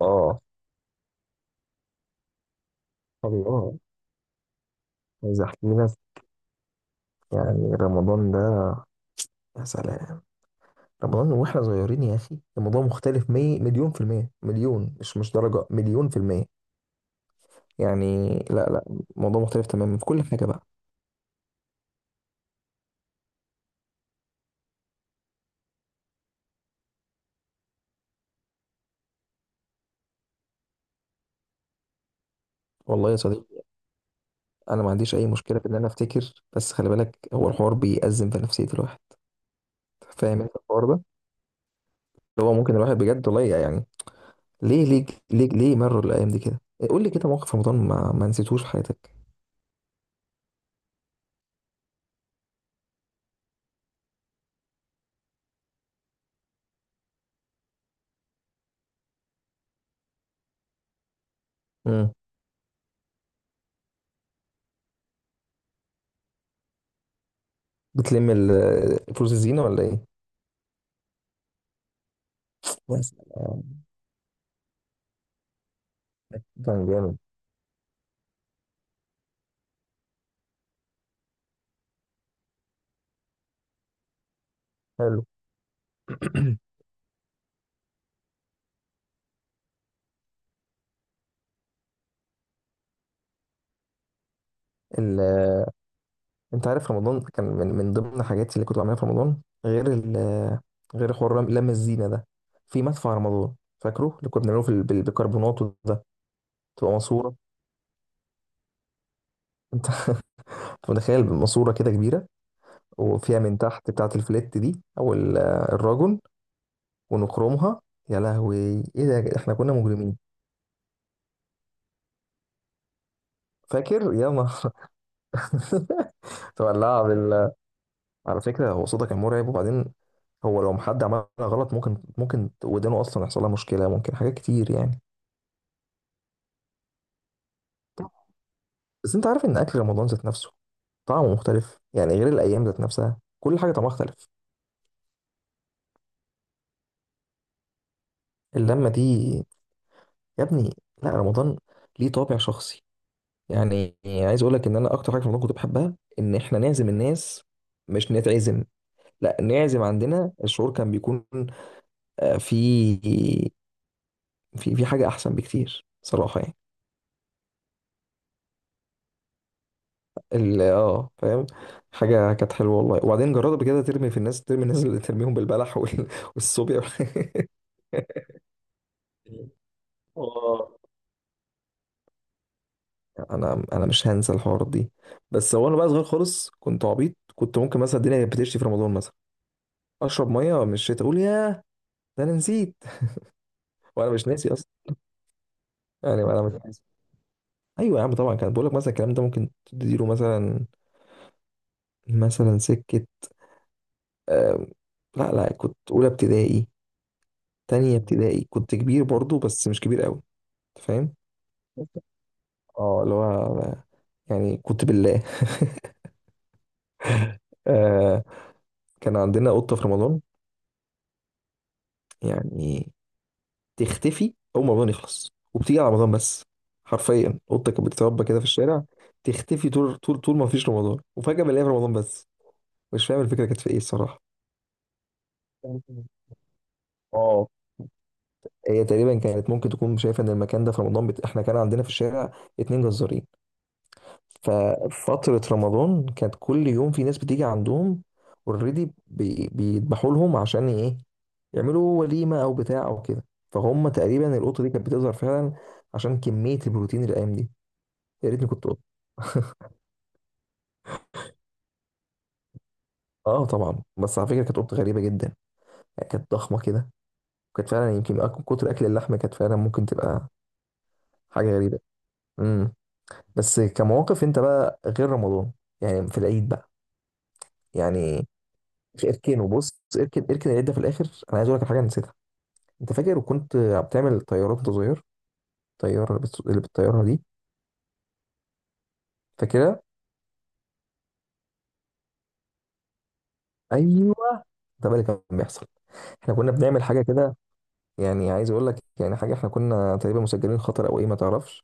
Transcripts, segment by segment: اه. الله. عايز احكي لك. يعني رمضان ده، يا سلام. رمضان واحنا صغيرين يا اخي، الموضوع مختلف. مليون في المية، مليون، مش درجة مليون في المية. يعني لا لا، الموضوع مختلف تماما في كل حاجة بقى. والله يا صديقي، انا ما عنديش اي مشكلة في ان انا افتكر، بس خلي بالك هو الحوار بيأزم في نفسية الواحد. فاهم انت الحوار ده؟ اللي هو ممكن الواحد بجد، والله يعني. ليه، ليه، ليه، ليه مروا الايام دي كده؟ قول لي كده موقف في رمضان ما نسيتوش في حياتك. امم. بتلم فلوس الزينة ولا ايه؟ بس. كان جامد. حلو. ال... آه، انت عارف، رمضان كان من ضمن حاجاتي اللي كنت بعملها في رمضان، غير ال... آه، غير حوار لم الزينه ده. في مدفع رمضان. فاكره اللي كنا بنعمله بالبيكربونات ده. تبقى ماسوره، انت. متخيل ماسوره كده كبيره. وفيها من تحت بتاعه الفليت دي، او الراجل، ونخرمها. يا لهوي! ايه ده، احنا كنا مجرمين! فاكر، يا نهار! تولع! على فكرة هو صوتك كان مرعب. وبعدين هو لو حد عملها غلط، ممكن ودانه أصلا يحصل لها مشكلة، ممكن حاجات كتير يعني. بس أنت عارف إن أكل رمضان ذات نفسه طعمه مختلف، يعني غير الأيام ذات نفسها، كل حاجة طعمها اختلف. اللمة دي يا ابني. لا، رمضان ليه طابع شخصي. يعني عايز أقول لك إن أنا أكتر حاجة في رمضان كنت بحبها إن إحنا نعزم الناس، مش نتعزم، لا نعزم عندنا، الشعور كان بيكون في في حاجة أحسن بكتير صراحة يعني. اه، فاهم. حاجه كانت حلوه والله. وبعدين جربت قبل كده ترمي في الناس، ترمي الناس اللي ترميهم بالبلح والصوبيا اه. انا مش هنسى الحوارات دي. بس هو انا بقى صغير خالص، كنت عبيط، كنت ممكن مثلا الدنيا كانت بتشتي في رمضان مثلا، اشرب ميه من الشتاء، اقول ياه، ده انا نسيت. وانا مش ناسي اصلا. يعني انا مش ناسي. ايوه يا عم، طبعا كان بقول لك مثلا الكلام ده ممكن تديله مثلا سكه. آم، لا لا، كنت اولى ابتدائي، تانية ابتدائي، كنت كبير برضو بس مش كبير قوي. أنت فاهم؟ اه، اللي هو يعني كنت بالله. آه. كان عندنا قطة في رمضان. يعني تختفي أول ما رمضان يخلص، وبتيجي على رمضان بس. حرفيا قطة كانت بتتربى كده في الشارع. تختفي طول طول طول ما فيش رمضان، وفجأة بنلاقيها في رمضان بس. مش فاهم الفكرة كانت في إيه الصراحة. اه. هي تقريبا كانت ممكن تكون شايفة إن المكان ده في رمضان إحنا كان عندنا في الشارع اتنين جزارين. ففترة رمضان كانت كل يوم في ناس بتيجي عندهم اوريدي بيذبحوا لهم، عشان ايه؟ يعملوا وليمة او بتاع او كده. فهم تقريبا القطة دي كانت بتظهر فعلا، عشان كمية البروتين الايام دي. يا ريتني كنت قطة! اه طبعا، بس على فكرة كانت قطة غريبة جدا. يعني كانت ضخمة كده. وكانت فعلا يمكن كتر اكل اللحمة كانت فعلا ممكن تبقى حاجة غريبة. امم بس كمواقف انت بقى، غير رمضان، يعني في العيد بقى يعني. اركنه، بص اركن اركن العيد ده في الاخر. انا عايز اقول لك على حاجة نسيتها. انت فاكر وكنت بتعمل طيارات وانت صغير؟ الطياره اللي اللي بالطياره دي. فاكرها؟ ايوه. ده بقى اللي كان بيحصل. احنا كنا بنعمل حاجه كده. يعني عايز اقول لك، يعني حاجه، احنا كنا تقريبا مسجلين خطر او ايه، ما تعرفش.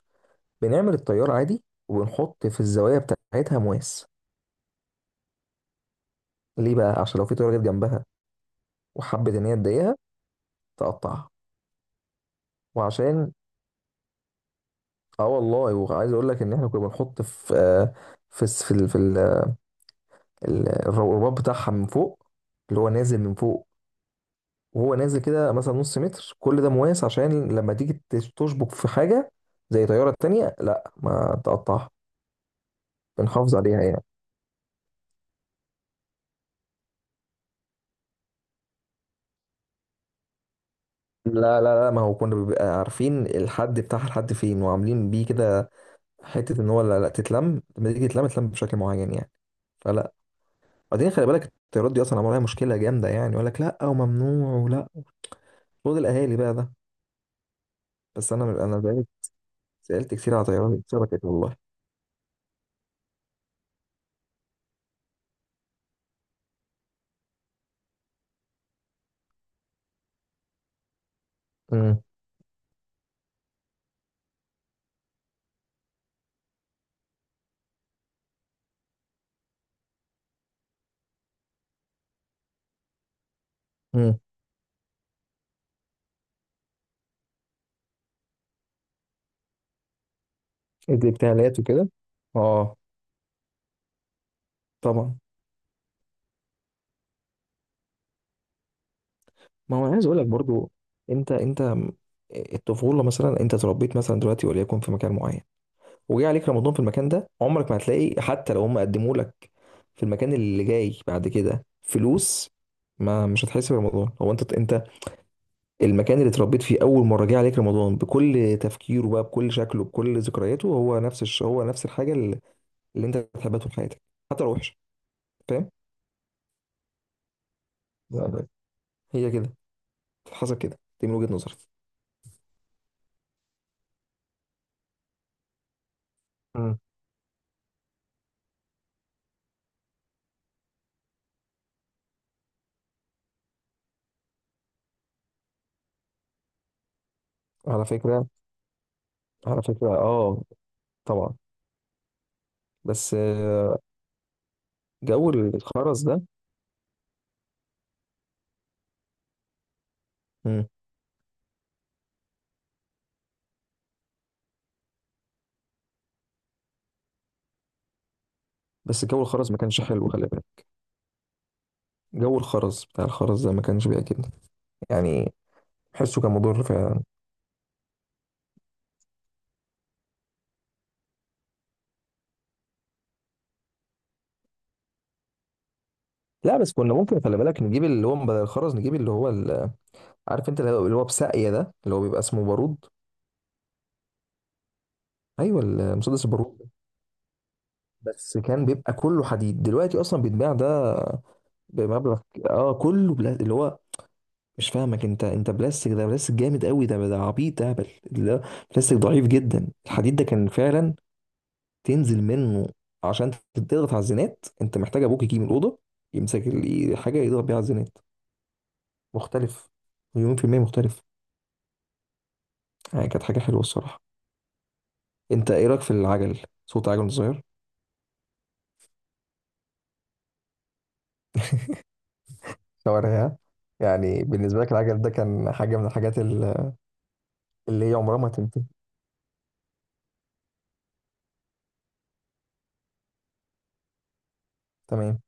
بنعمل الطياره عادي وبنحط في الزوايا بتاعتها مواس. ليه بقى؟ عشان لو في طياره جت جنبها وحبت ان هي تضايقها، تقطعها. وعشان اه والله، وعايز اقول لك ان احنا كنا بنحط في في الس- في ال- في ال- الرباط بتاعها من فوق، اللي هو نازل من فوق. وهو نازل كده مثلا نص متر، كل ده مواس، عشان لما تيجي تشبك في حاجة زي طيارة تانية، لا، ما تقطعها. بنحافظ عليها يعني. لا لا لا، ما هو كنا بنبقى عارفين الحد بتاعها لحد فين، وعاملين بيه كده، حتة ان هو لا لا تتلم، لما تيجي تتلم تتلم بشكل معين يعني. فلا. بعدين خلي بالك الطيارات دي اصلا عملها مشكلة جامدة يعني، يقول لك لا وممنوع ولا، خد الاهالي بقى ده. بس انا بقالي سألت كتير على طيارات اتسرقت والله. امم. امم. اللي بتاع وكده. اه. طبعا. ما هو انا عايز اقول لك برضو، انت الطفوله مثلا، انت اتربيت مثلا دلوقتي وليكن في مكان معين، وجه عليك رمضان في المكان ده، عمرك ما هتلاقي، حتى لو هم قدموا لك في المكان اللي جاي بعد كده فلوس، ما مش هتحس برمضان. هو انت المكان اللي اتربيت فيه اول مره جه عليك رمضان بكل تفكيره بقى، بكل شكله، بكل ذكرياته، هو نفس هو نفس الحاجه اللي انت هتحبها طول حياتك، حتى لو وحشه. فاهم؟ بالظبط. هي كده، حصل كده. دي من وجهه نظري. مم. على فكرة. على فكرة، اه. طبعا. بس. جو الخرز ده. مم. بس جو الخرز ما كانش حلو، خلي بالك. جو الخرز، بتاع الخرز ده ما كانش بيعجبني يعني. حسه كان مضر فعلا. لا، بس كنا ممكن خلي بالك نجيب اللي هو بدل الخرز، نجيب اللي هو عارف انت، اللي هو بساقية ده، اللي هو بيبقى اسمه بارود. ايوه، المسدس البارود ده. بس كان بيبقى كله حديد، دلوقتي اصلا بيتباع ده بمبلغ. اه كله اللي هو، مش فاهمك انت، بلاستيك ده بلاستيك جامد قوي، ده عبيط اهبل. اللي هو بلاستيك ضعيف جدا، الحديد ده كان فعلا تنزل منه، عشان تضغط على الزنات انت محتاج ابوك يجي من الاوضه يمسك حاجه يضغط بيها على الزنات. مختلف، مليون في المية مختلف، يعني كانت حاجة حلوة الصراحة. انت ايه رأيك في العجل، صوت عجل صغير؟ شوارعها. يعني بالنسبة لك العجل ده كان حاجة من الحاجات اللي هي عمرها ما هتنتهي. تمام.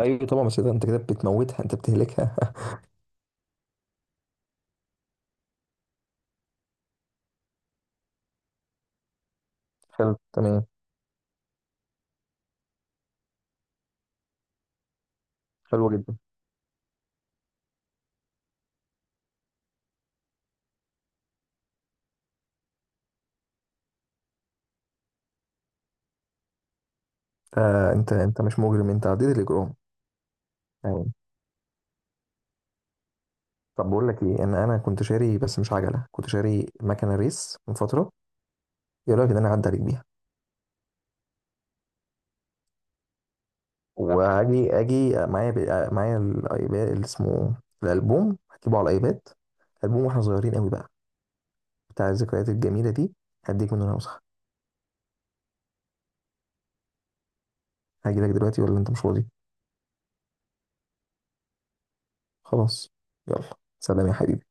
ايوه طبعا، بس ده انت كده بتموتها، انت بتهلكها. حلو تمام. حلو جدا. آه، انت مش مجرم، انت عديت الاجرام. تمام. طب بقول لك ايه، ان انا كنت شاري بس مش عجلة، كنت شاري مكنة ريس من فترة. ايه رايك ان انا اعدي عليك بيها؟ وهاجي اجي معايا الايباد اللي اسمه الالبوم، هجيبه على الايباد، البوم واحنا صغيرين قوي بقى، بتاع الذكريات الجميله دي، هديك منه نسخه. هاجي لك دلوقتي ولا انت مش فاضي؟ خلاص. يلا. سلام يا حبيبي.